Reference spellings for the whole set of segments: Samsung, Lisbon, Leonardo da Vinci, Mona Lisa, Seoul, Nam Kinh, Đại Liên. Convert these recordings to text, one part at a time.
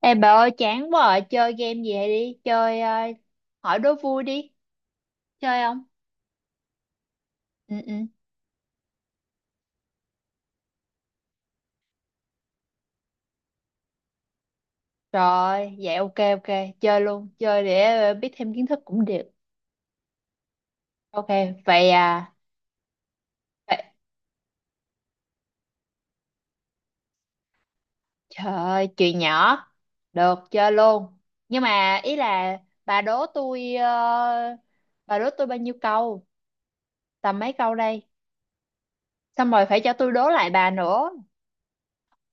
Ê bà ơi, chán quá à, chơi game gì vậy đi, chơi hỏi đố vui đi, chơi không? Ừ, ừ. Rồi, vậy ok, ok, chơi luôn, chơi để biết thêm kiến thức cũng được. Ok, vậy à, vậy, trời ơi, chuyện nhỏ, được chơi luôn. Nhưng mà ý là bà đố tôi, ờ, bà đố tôi bao nhiêu câu, tầm mấy câu đây, xong rồi phải cho tôi đố lại bà nữa,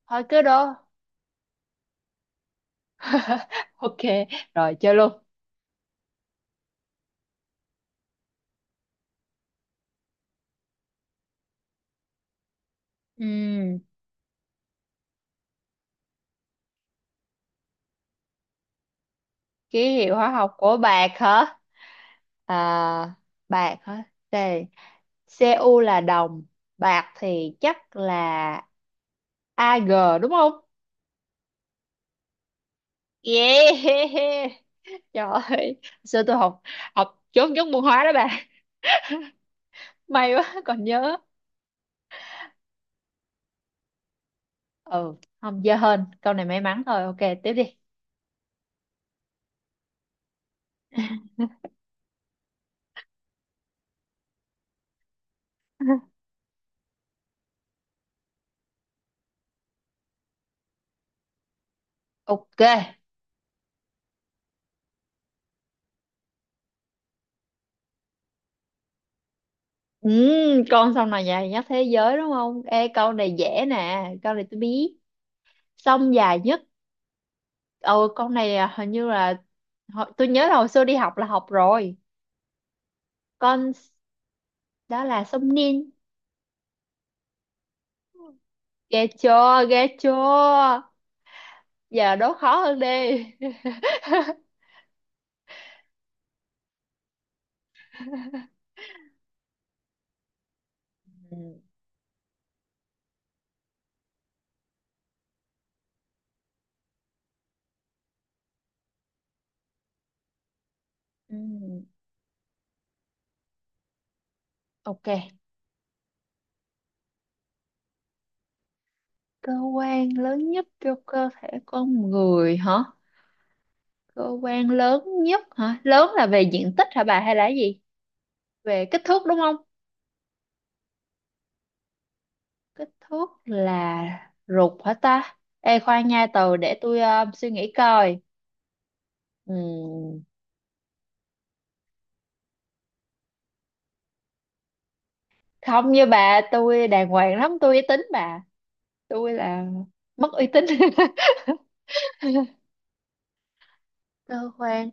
thôi cứ đố. Ok, rồi chơi luôn. Ừm, Ký hiệu hóa học của bạc hả? À, bạc hả? Đây, Cu là đồng, bạc thì chắc là Ag, đúng không? Yeah. Trời ơi, xưa tôi học học chốt chốt môn hóa đó bà. May quá còn nhớ. Ừ, không dơ hơn. Câu này may mắn thôi. Ok, tiếp đi. Ok. Ừ, con sông nào dài nhất thế giới đúng không? Ê, câu này dễ nè, câu này tôi biết, sông dài nhất. Ờ, con này à, hình như là tôi nhớ là hồi xưa đi học là học rồi. Con s- Đó là sông Nin. Ghê chưa, ghê chưa. Giờ đố khó hơn đi. Ừ. Ừ, ok. Cơ quan lớn nhất cho cơ thể con người hả? Cơ quan lớn nhất hả? Lớn là về diện tích hả bà hay là cái gì? Về kích thước đúng không? Kích thước là ruột hả ta? Ê khoan nha, từ để tôi suy nghĩ coi. Ừ. Không như bà, tôi đàng hoàng lắm, tôi uy tín bà, tôi là mất uy tín. Cơ quan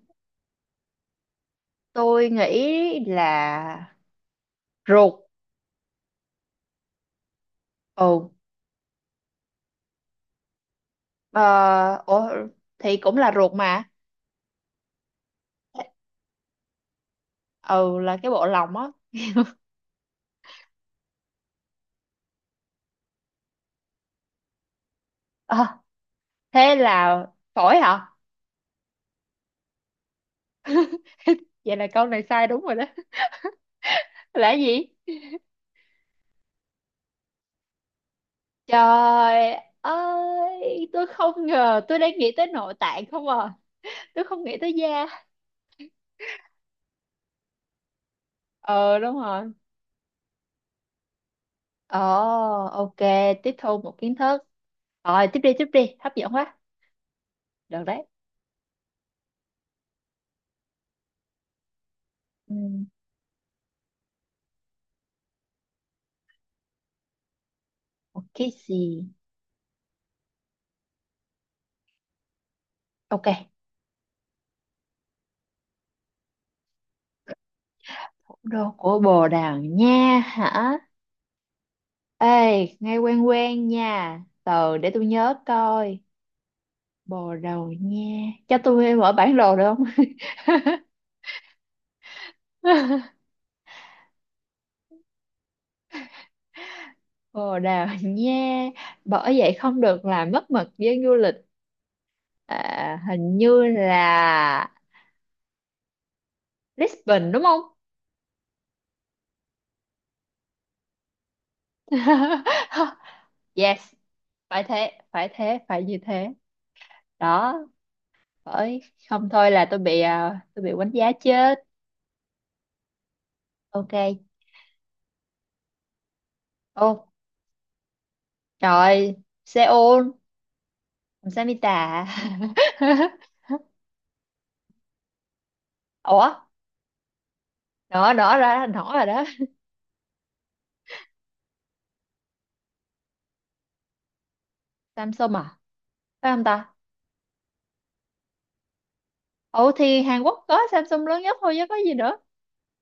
tôi nghĩ là ruột. Ừ. ờ Ủa, thì cũng là ruột mà. Ừ, là cái bộ lòng á. Ờ, thế là phổi hả? Vậy là câu này sai đúng rồi đó. Là cái gì? Trời ơi, tôi không ngờ, tôi đang nghĩ tới nội tạng không à, tôi không nghĩ tới da. Ờ, đúng rồi. Ồ, ok, tiếp thu một kiến thức. Rồi, tiếp đi, hấp dẫn quá. Được đấy. Ừ, một cái gì? Ok, thủ đô của Bồ Đào Nha hả? Ê, nghe quen quen nha. Từ để tôi nhớ coi. Bồ Đào Nha. Cho tôi mở bản đồ được không? Bồ Đào Nha. Bởi vậy không được làm mất mật với du lịch. À, hình như là Lisbon đúng không? Yes, phải thế, phải thế, phải như thế. Đó, bởi không thôi là tôi bị đánh giá chết. Ok. Ô, trời, Seoul, Samita. Ủa, đó đó ra đó rồi đó. Samsung à? Phải không ta? Ủa thì Hàn Quốc có Samsung lớn nhất thôi chứ có gì nữa.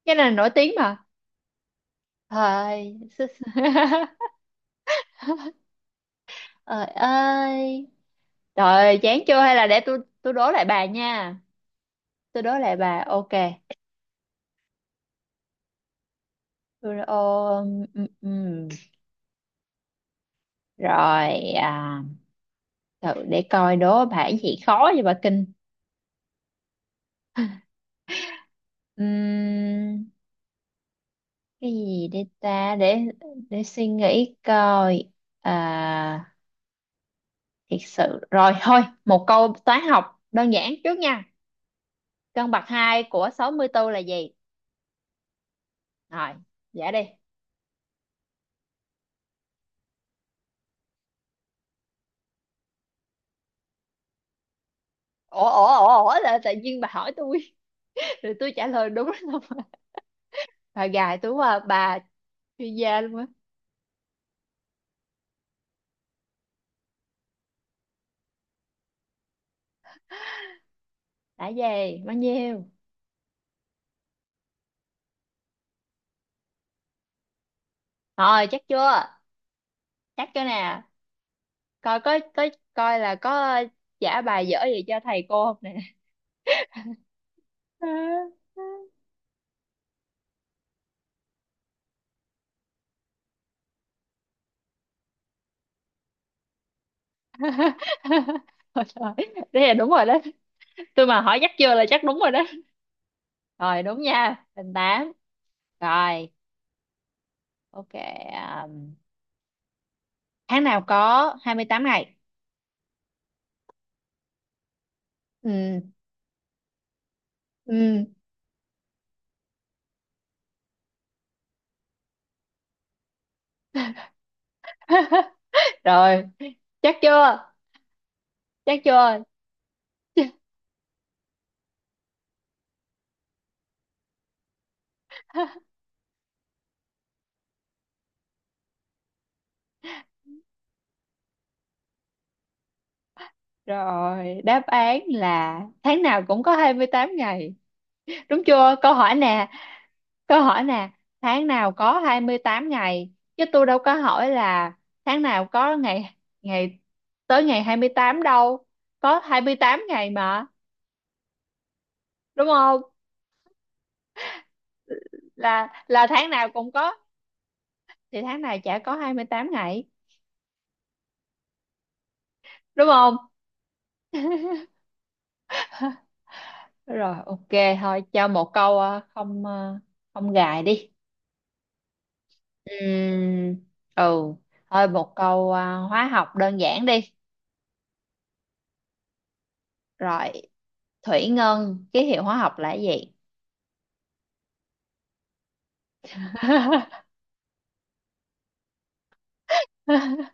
Cái này nổi tiếng mà. Thôi. Trời ơi. Trời chán chưa, hay là để tôi đố lại bà nha. Tôi đố lại bà. Ok. Tôi, ồ, ừ, ừ. Rồi, à, thử để coi đố bà cái gì khó vậy bà, kinh. Ừm, cái gì để ta, để suy nghĩ coi. À, thiệt sự rồi thôi, một câu toán học đơn giản trước nha, căn bậc 2 của 64 là gì? Rồi, dạ đi. Ủa, ủa, ủa, ủa, là tự nhiên bà hỏi tôi, rồi tôi trả lời đúng không? Bà gài tôi quá à, bà chuyên gia luôn á. Đã gì bao nhiêu, rồi chắc chưa, chắc chưa nè, coi có coi là có trả bài dở gì cho thầy cô không nè. Ôi trời, thế là đúng rồi đó, tôi mà hỏi chắc chưa là chắc đúng rồi đó, rồi đúng nha hình tám. Rồi, ok. um, Tháng nào có 28 ngày? Ừ, ừ. Rồi, chắc chưa? Chắc chưa? Rồi, đáp án là tháng nào cũng có 28 ngày, đúng chưa? Câu hỏi nè. Câu hỏi nè, tháng nào có 28 ngày, chứ tôi đâu có hỏi là tháng nào có ngày ngày tới ngày 28 đâu. Có 28 ngày mà, đúng không? Là tháng nào cũng có thì tháng này chả có 28 ngày, đúng không? Rồi, ok, thôi cho một câu không không gài đi. Ừm, ừ, thôi một câu hóa học đơn giản đi. Rồi, thủy ngân ký hiệu hóa học là cái gì?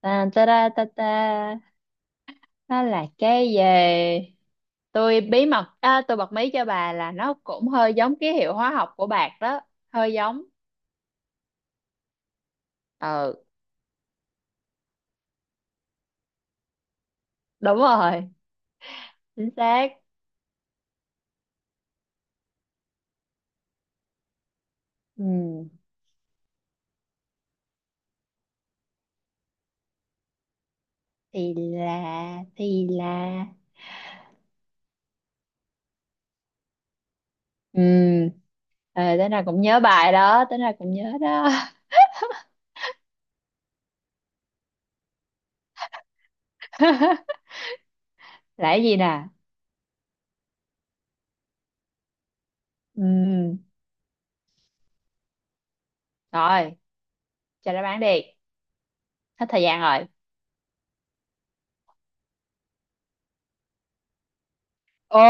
Ta ta ta ta ta, nó là cái gì? Tôi bí mật à, Tôi bật mí cho bà là nó cũng hơi giống ký hiệu hóa học của bạc đó, hơi giống. Ừ, đúng rồi, chính xác. Ừ, thì là thì là ừ ờ tới nào cũng nhớ bài đó, tới nào cũng nhớ đó. Là cái gì nè? Ừ, rồi cho đáp án đi, hết thời gian rồi. Ồ,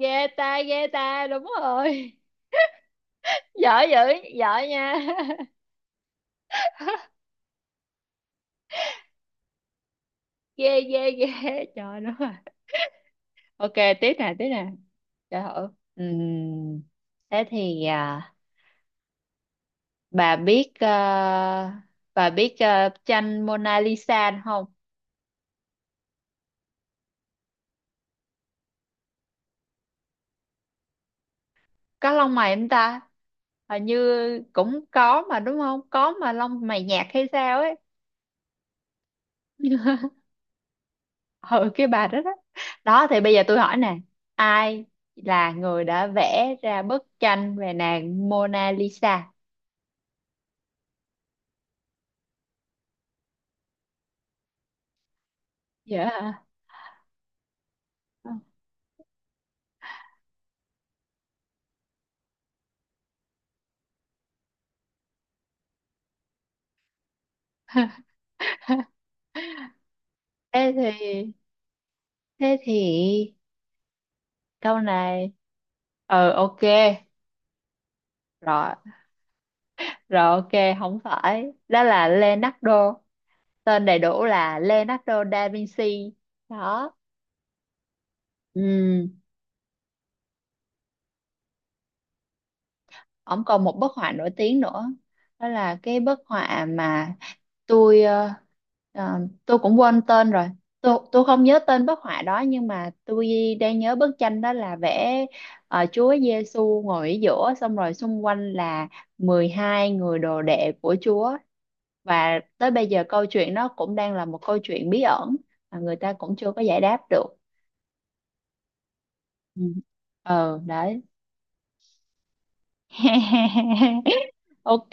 ghê ta, ghê ta, đúng rồi. Giỏi dữ, giỏi nha, ghê ghê ghê. Trời nó à. Ok, tiếp nè, tiếp nè, trời ơi. Ừm, Thế thì à, bà biết à, bà biết à, tranh Mona Lisa không? Có lông mày không ta? Hình như cũng có mà đúng không? Có mà lông mày nhạt hay sao ấy? Ừ, cái bà đó đó. Đó thì bây giờ tôi hỏi nè, ai là người đã vẽ ra bức tranh về nàng Mona Lisa? Dạ. Thế thì thế thì câu này ừ, ok, rồi, rồi, ok, không phải, đó là Leonardo, tên đầy đủ là Leonardo da Vinci đó. Ừ, ông còn một bức họa nổi tiếng nữa, đó là cái bức họa mà tôi ờ, ờ, tôi cũng quên tên rồi, tôi không nhớ tên bức họa đó, nhưng mà tôi đang nhớ bức tranh đó là vẽ Chúa Giêsu ngồi ở giữa, xong rồi xung quanh là 12 người đồ đệ của Chúa, và tới bây giờ câu chuyện nó cũng đang là một câu chuyện bí ẩn mà người ta cũng chưa có giải đáp được. Ừ. Ờ, đấy. Ok,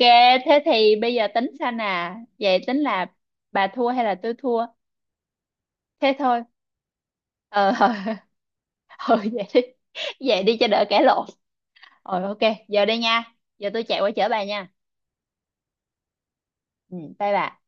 thế thì bây giờ tính sao nè, vậy tính là bà thua hay là tôi thua? Thế thôi. ờ ờ, vậy đi, vậy đi cho đỡ cãi lộn. Rồi, ok. Giờ đây nha, giờ tôi chạy qua chở bà nha. Ừ, bye bà.